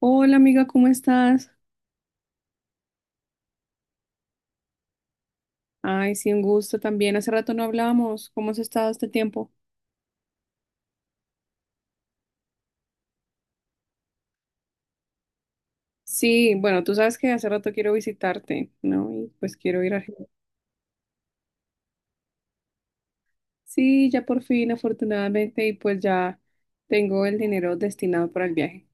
Hola amiga, ¿cómo estás? Ay, sí, un gusto también. Hace rato no hablábamos. ¿Cómo has estado este tiempo? Sí, bueno, tú sabes que hace rato quiero visitarte, ¿no? Y pues quiero ir a Argentina. Sí, ya por fin, afortunadamente, y pues ya tengo el dinero destinado para el viaje.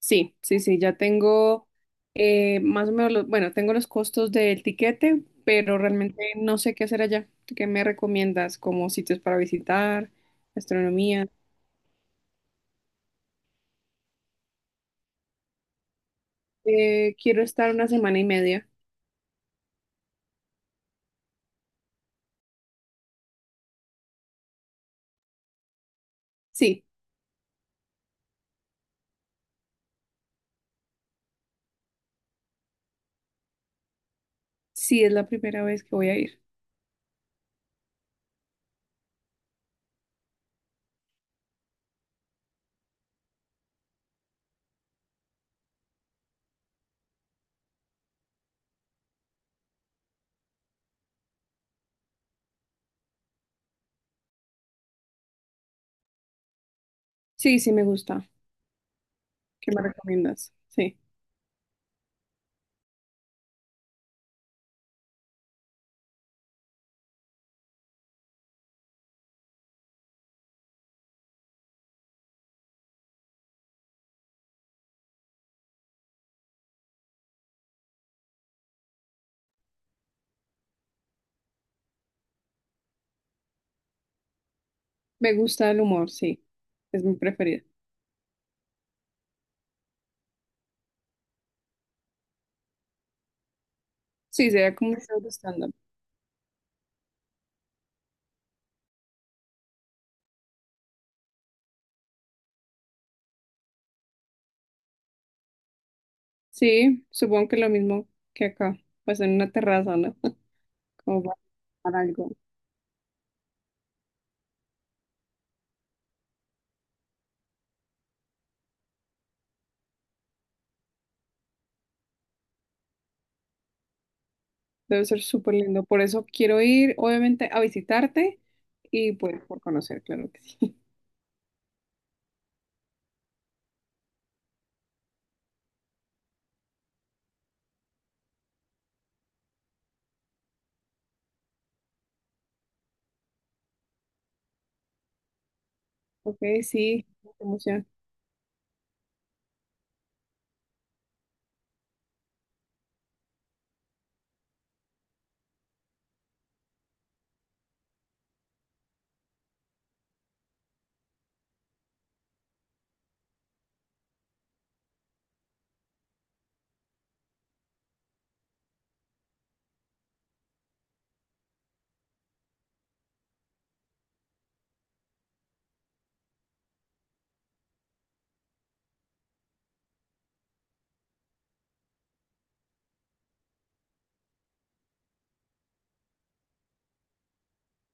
Sí, sí, sí, ya tengo más o menos, bueno, tengo los costos del tiquete, pero realmente no sé qué hacer allá. ¿Tú ¿Qué me recomiendas como sitios para visitar, gastronomía? Quiero estar una semana y media. Sí. Sí, es la primera vez que voy a ir. Sí, sí, me gusta. ¿Qué me recomiendas? Sí, me gusta el humor, sí. Es mi preferida. Sí, sería como un show de stand-up. Sí, supongo que lo mismo que acá, pues en una terraza, ¿no? Como para algo. Debe ser súper lindo. Por eso quiero ir, obviamente, a visitarte y pues por conocer, claro que sí. Ok, sí, qué emoción.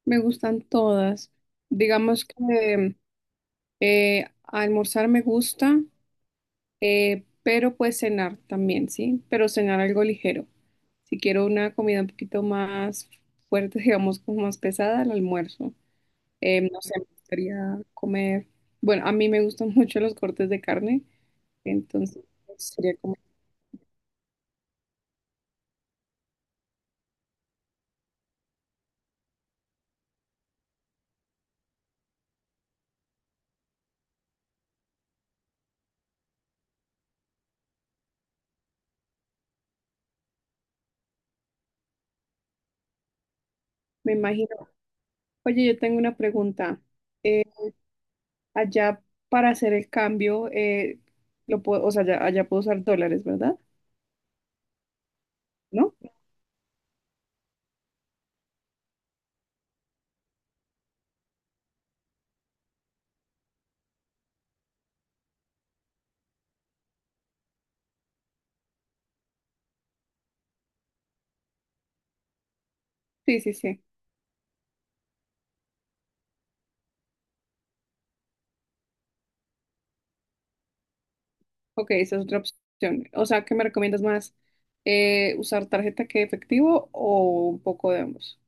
Me gustan todas. Digamos que almorzar me gusta. Pero pues cenar también, ¿sí? Pero cenar algo ligero. Si quiero una comida un poquito más fuerte, digamos como más pesada, el almuerzo. No sé, me gustaría comer. Bueno, a mí me gustan mucho los cortes de carne, entonces pues, sería como, me imagino. Oye, yo tengo una pregunta. Eh, allá para hacer el cambio, lo puedo, o sea, allá puedo usar dólares, ¿verdad? ¿No? Sí, sí, sí. Ok, esa es otra opción. O sea, ¿qué me recomiendas más? ¿Usar tarjeta que efectivo o un poco de ambos?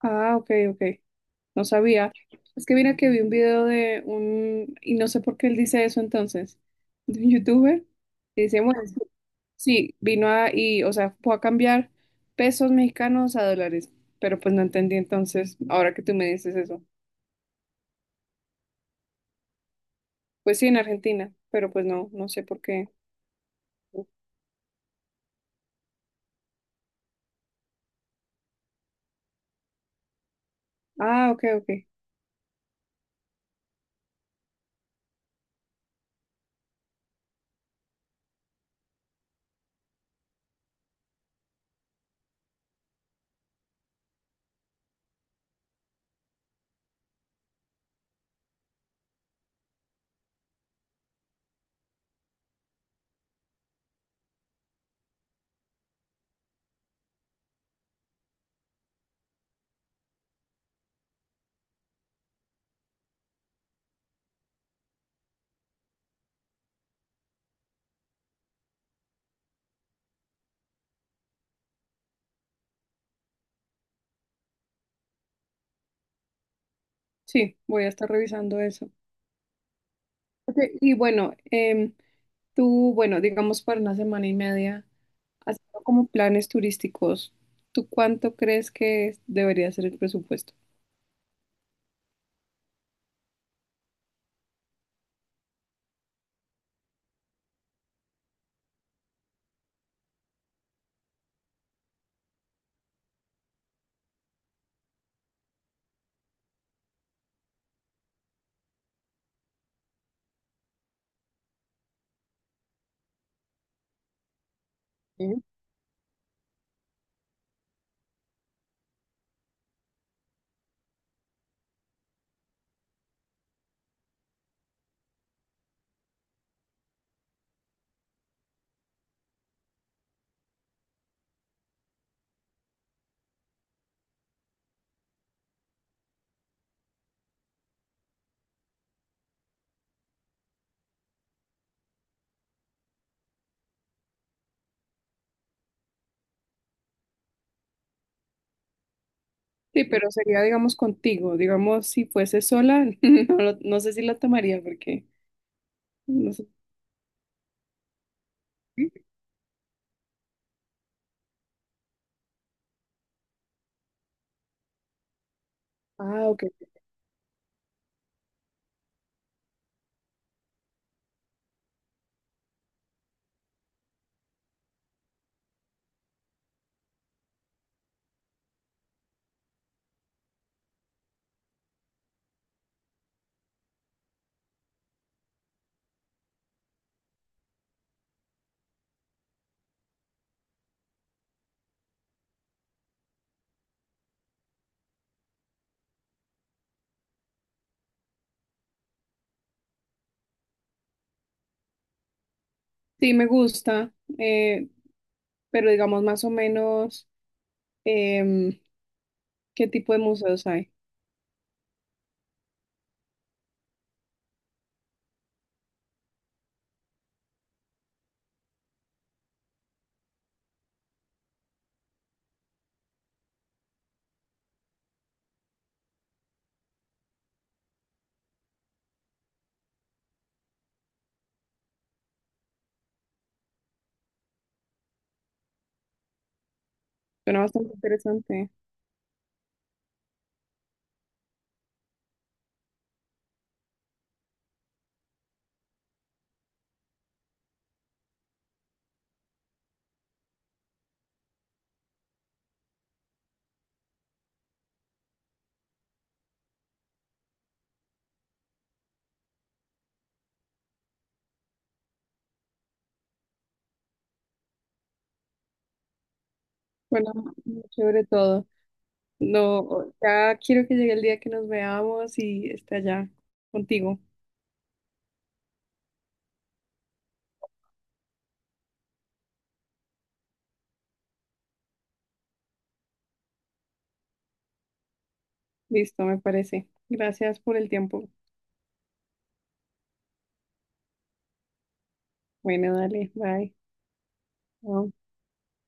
Ah, ok, ok. No sabía. Es que mira que vi un video de un, y no sé por qué él dice eso entonces, de un youtuber. Y dice, bueno, sí, o sea, fue a cambiar pesos mexicanos a dólares. Pero pues no entendí entonces, ahora que tú me dices eso. Pues sí, en Argentina, pero pues no, no sé por qué. Ah, ok, ok. Sí, voy a estar revisando eso. Ok, y bueno, tú, bueno, digamos para una semana y media, haciendo como planes turísticos, ¿tú cuánto crees que debería ser el presupuesto? Ujú. Sí, pero sería, digamos, contigo. Digamos, si fuese sola, no, no sé si la tomaría porque no sé. Ah, ok. Sí, me gusta, eh, pero digamos más o menos em, qué tipo de museos hay. Suena bastante interesante. Suena muy chévere todo. No, ya quiero que llegue el día que nos veamos y esté allá contigo. Listo, me parece. Gracias por el tiempo. Bueno, dale, bye. Chao.